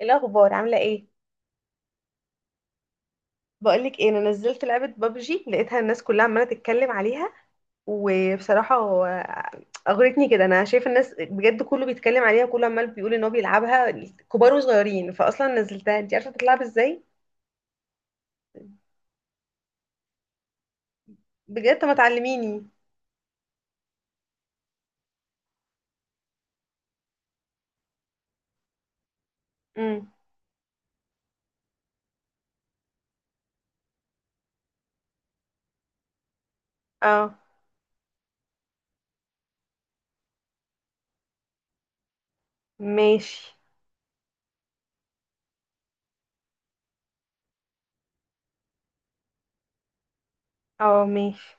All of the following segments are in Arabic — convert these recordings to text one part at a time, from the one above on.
إيه الاخبار؟ عامله ايه؟ بقولك ايه، انا نزلت لعبه بابجي لقيتها الناس كلها عماله تتكلم عليها. وبصراحه هو اغرتني كده، انا شايفه الناس بجد كله بيتكلم عليها، كله عمال بيقول ان هو بيلعبها كبار وصغيرين. فاصلا نزلتها، انت عارفه بتلعب ازاي؟ بجد طب ما تعلميني. امم اه ماشي. اه ماشي.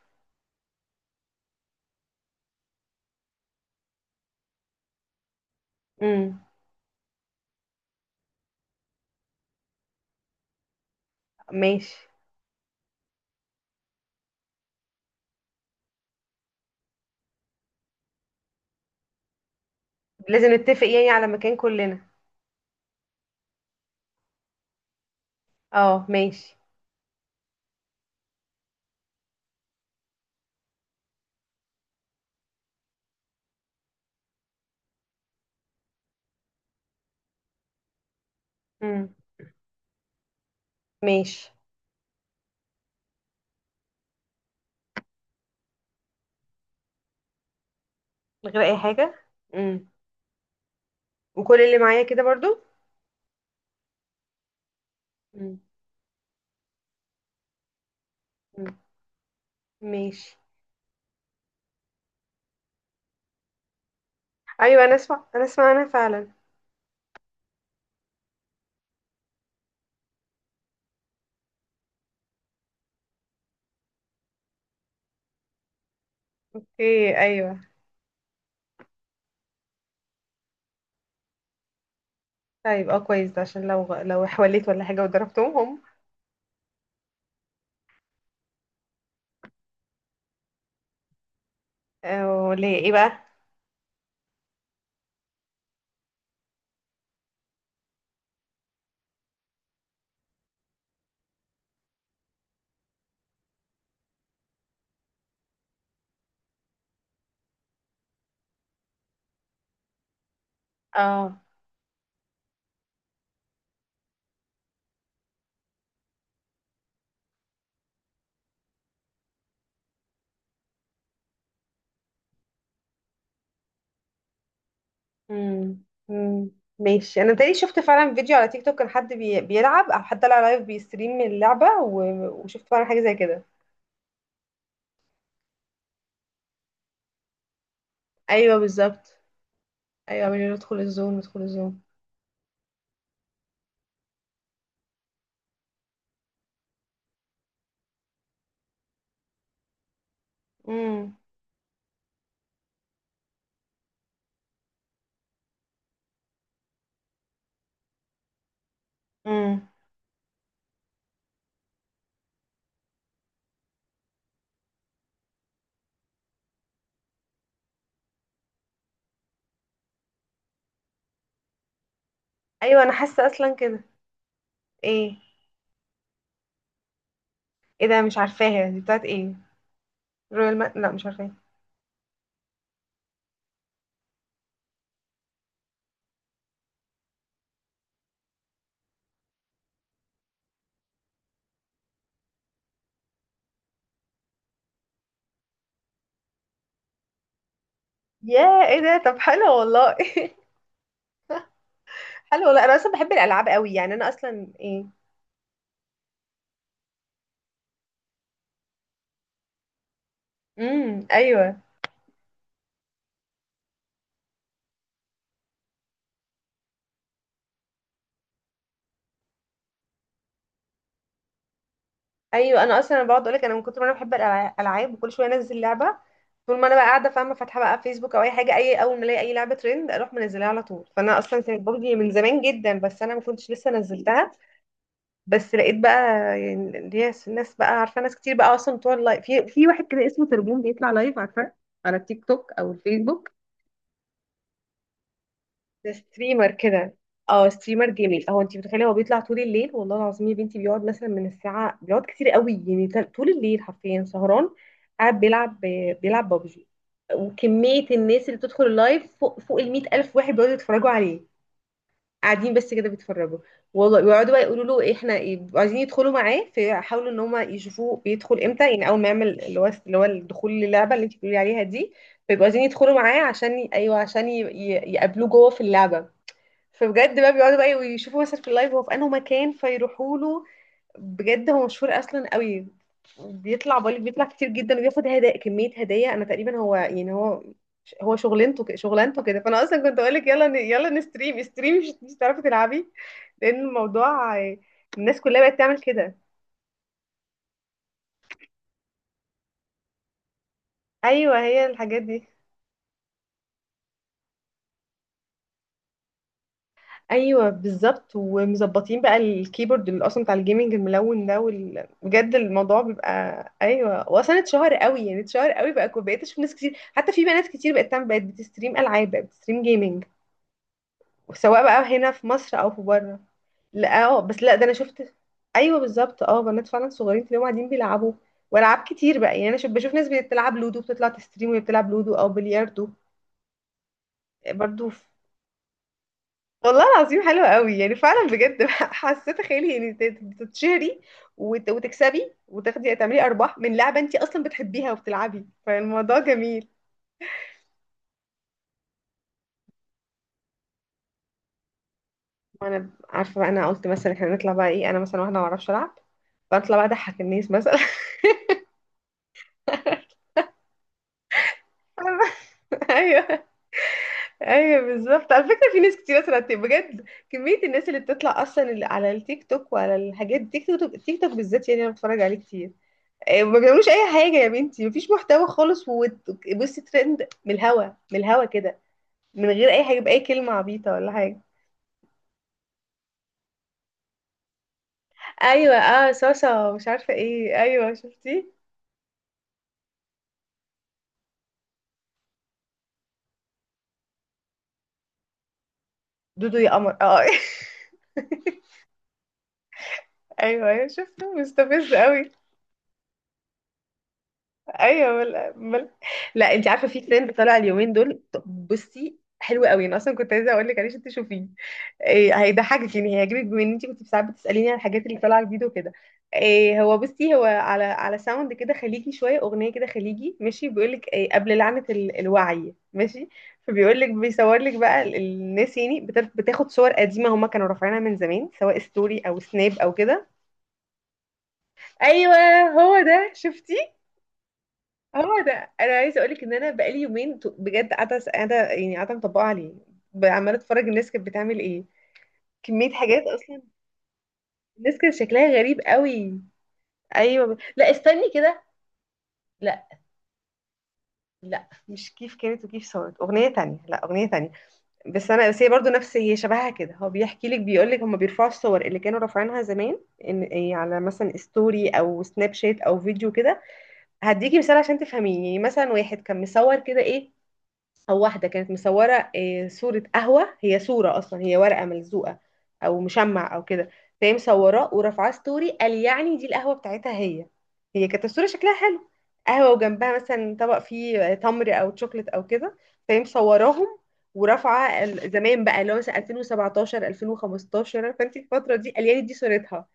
امم ماشي. لازم نتفق يعني على مكان كلنا. اه ماشي. امم ماشي. من غير اي حاجه. امم وكل اللي معايا كده برضو. امم ماشي. ايوه انا اسمع انا اسمع انا فعلا. اوكي ايوه. طيب اه كويس ده عشان لو حوليت ولا حاجه وضربتهم. ولا ايه بقى؟ اه. امم امم ماشي. انا تاني شفت فعلا فيديو على تيك توك، كان حد بيلعب او حد طلع لايف بيستريم من اللعبه و... وشفت فعلا حاجه زي كده. ايوه بالظبط. ايوه بيقول له ادخل الزون ادخل الزون. امم امم ايوه انا حاسه اصلا كده. ايه؟ ايه ده؟ مش عارفاها، دي بتاعت ايه؟ رويال ما... لا مش عارفاها. يا ايه ده، طب حلو والله حلو والله، انا اصلا بحب الالعاب قوي، يعني انا اصلا ايه. ايوه. ايوه انا اصلا، انا بقعد اقول لك، انا من كتر ما انا بحب الالعاب وكل شويه انزل لعبه. طول ما انا بقى قاعده فاهمه فاتحه بقى فيسبوك او اي حاجه، اي اول ما الاقي اي لعبه ترند اروح منزلها على طول، فانا اصلا كانت بابجي من زمان جدا بس انا ما كنتش لسه نزلتها. بس لقيت بقى، يعني اللي هي الناس بقى، عارفه ناس كتير بقى اصلا بتوع اللايف، في واحد كده اسمه تربون بيطلع لايف، عارفه، على التيك توك او الفيسبوك. ده ستريمر كده. اه ستريمر جيمنج، هو انت متخيله، هو بيطلع طول الليل والله العظيم يا بنتي، بيقعد مثلا من الساعه بيقعد كتير قوي، يعني طول الليل حرفيا سهران. قاعد بيلعب. بيلعب بابجي. وكميه الناس اللي بتدخل اللايف فوق ال 100,000 الف، واحد بيقعدوا يتفرجوا عليه. قاعدين بس كده بيتفرجوا. والله بيقعدوا بقى يقولوا له إيه، احنا إيه، بيبقوا عايزين يدخلوا معاه، فيحاولوا ان هم يشوفوه بيدخل امتى، يعني اول ما يعمل اللي هو الدخول للعبه اللي انت بتقولي عليها دي. فيبقوا عايزين يدخلوا معاه عشان ايوه عشان يقابلوه جوه في اللعبه. فبجد بقى بيقعدوا بقى ويشوفوا مثلا في اللايف هو في انه مكان فيروحوا له. بجد هو مشهور اصلا قوي. بيطلع بالك بيطلع كتير جدا، وبياخد هدايا كمية هدايا، انا تقريبا هو يعني هو، هو شغلانته شغلانته كده. فانا اصلا كنت اقول لك يلا يلا نستريم استريم مش هتعرفي تلعبي. لان الموضوع الناس كلها بقت تعمل كده. ايوه هي الحاجات دي. ايوه بالظبط، ومظبطين بقى الكيبورد اللي اصلا بتاع الجيمنج الملون ده وال... بجد الموضوع بيبقى ايوه، واصلا اتشهر قوي يعني اتشهر قوي بقى، بقيت اشوف ناس كتير، حتى في بنات كتير بقت تعمل بقت بتستريم العاب بقت بتستريم جيمنج. سواء بقى هنا في مصر او في بره. لا اه بس لا ده انا شفت. ايوه بالظبط، اه بنات فعلا صغيرين تلاقيهم قاعدين بيلعبوا. والعاب كتير بقى، يعني انا بشوف ناس بتلعب لودو بتطلع تستريم وهي بتلعب لودو او بلياردو برضو. والله العظيم حلوة قوي يعني فعلا بجد حسيت خيالي يعني تتشهري وتكسبي وتاخدي تعملي ارباح من لعبة انت اصلا بتحبيها وبتلعبي، فالموضوع جميل. وانا عارفة بقى، انا قلت مثلا احنا نطلع بقى ايه، انا مثلا واحدة ما اعرفش العب، فاطلع بقى اضحك الناس مثلا. ايوه. ايوه بالظبط، على فكرة في ناس كتير مثلا بجد، كمية الناس اللي بتطلع اصلا اللي على التيك توك وعلى الحاجات، التيك توك التيك توك بالذات يعني انا بتفرج عليه كتير. ما بيعملوش اي حاجه يا بنتي، مفيش محتوى خالص بصي ترند من الهوا، من الهوا كده، من غير اي حاجه، باي كلمه عبيطه ولا حاجه. ايوه اه صاصه مش عارفه ايه، ايوه شفتي، دودو يا قمر اه ايوه ايوه شفته مستفز قوي. ايوه لا انت عارفه في ترند طالع اليومين دول بصي حلو قوي، انا اصلا كنت عايزه اقول لك عليه عشان تشوفيه. إيه هيضحكك، يعني هيعجبك بما ان انت كنت ساعات بتساليني عن الحاجات اللي طالعه جديد وكده. إيه هو، بصي هو على ساوند كده خليجي شويه، اغنيه كده خليجي ماشي، بيقول لك إيه قبل لعنه الوعي ماشي. فبيقول لك بيصور لك بقى الناس يعني بتاخد صور قديمه هما كانوا رافعينها من زمان، سواء ستوري او سناب او كده. ايوه هو ده شفتي. اه ده انا عايزه اقولك ان انا بقالي يومين بجد قاعده قاعده يعني قاعده مطبقه عليه، عماله اتفرج الناس كانت بتعمل ايه، كميه حاجات اصلا. الناس كان شكلها غريب قوي. ايوه لا استني كده، لا، لا مش كيف كانت وكيف صارت اغنيه تانية، لا اغنيه تانية، بس انا بس هي برضه نفس، هي شبهها كده، هو بيحكي لك بيقول لك هم بيرفعوا الصور اللي كانوا رافعينها زمان ان إيه، على مثلا ستوري او سناب شات او فيديو كده. هديكي مثال عشان تفهميني، يعني مثلا واحد كان مصور كده ايه، او واحده كانت مصوره صوره قهوه، هي صوره اصلا هي ورقه ملزوقه او مشمع او كده، فهي مصوراه ورافعاه ستوري، قال يعني دي القهوه بتاعتها. هي كانت الصوره شكلها حلو، قهوه وجنبها مثلا طبق فيه تمر او تشوكلت او كده، فهي مصوراهم ورافعه زمان بقى اللي هو مثلا 2017 2015، فانت الفتره دي قال يعني دي صورتها.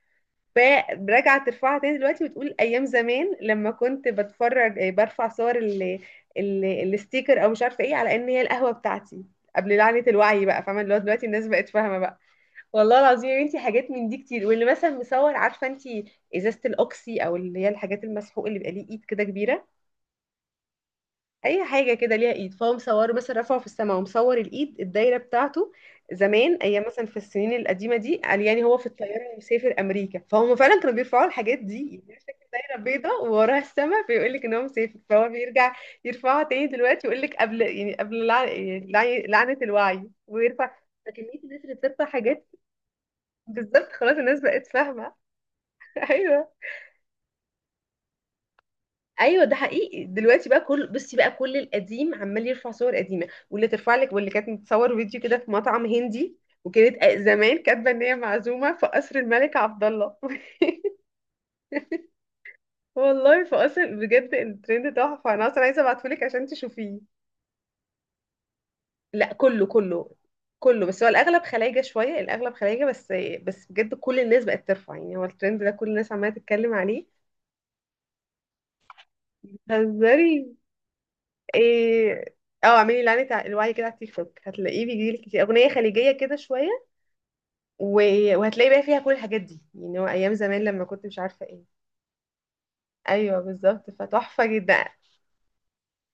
فراجعة ترفعها تاني دلوقتي وتقول أيام زمان لما كنت بتفرج برفع صور ال... ال... الستيكر أو مش عارفة إيه، على إن هي القهوة بتاعتي قبل لعنة الوعي، بقى فاهمة اللي هو دلوقتي الناس بقت فاهمة بقى. والله العظيم يا بنتي حاجات من دي كتير، واللي مثلا مصور عارفة انتي إزازة الأوكسي أو اللي هي الحاجات، المسحوق اللي بيبقى ليه إيد كده كبيرة، اي حاجه كده ليها ايد، فهو مصوره مثلا رفعه في السماء ومصور الايد الدايره بتاعته زمان ايام مثلا في السنين القديمه دي، قال يعني هو في الطياره مسافر امريكا، فهم فعلا كانوا بيرفعوا الحاجات دي يعني شكل دايره بيضاء ووراها السماء، فيقول لك ان هو مسافر، فهو بيرجع يرفعها تاني دلوقتي ويقول لك قبل يعني قبل لعنه الوعي ويرفع. فكميه الناس اللي بترفع حاجات، بالظبط خلاص الناس بقت فاهمه. ايوه ايوه ده حقيقي، دلوقتي بقى كل بصي بقى كل القديم عمال يرفع صور قديمه، واللي ترفع لك واللي كانت متصور فيديو كده في مطعم هندي وكانت زمان كاتبه ان هي معزومه في قصر الملك عبد الله. والله في قصر بجد، الترند تحفه، انا اصلا عايزه ابعتهولك عشان تشوفيه. لا كله كله، كله بس هو الاغلب خلايجه شويه الاغلب خلايجه بس، بس بجد كل الناس بقت ترفع، يعني هو الترند ده كل الناس عماله تتكلم عليه. بتهزري؟ ايه، اه اعملي لعنة الوعي كده على التيك توك، هتلاقيه بيجيلك كتير، اغنية خليجية كده شوية، وهتلاقي بقى فيها كل الحاجات دي، يعني هو ايام زمان لما كنت مش عارفة ايه. ايوه بالظبط فتحفة جدا.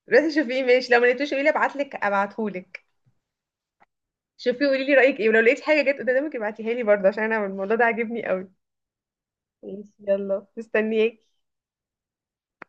بس شوفيه ماشي، لو ما لقيتوش قولي لي ابعتلك ابعتهولك. شوفيه قولي لي رأيك ايه، ولو لقيت حاجة جت قدامك ابعتيها لي برضه، عشان انا الموضوع ده عاجبني قوي. ماشي يلا مستنياك.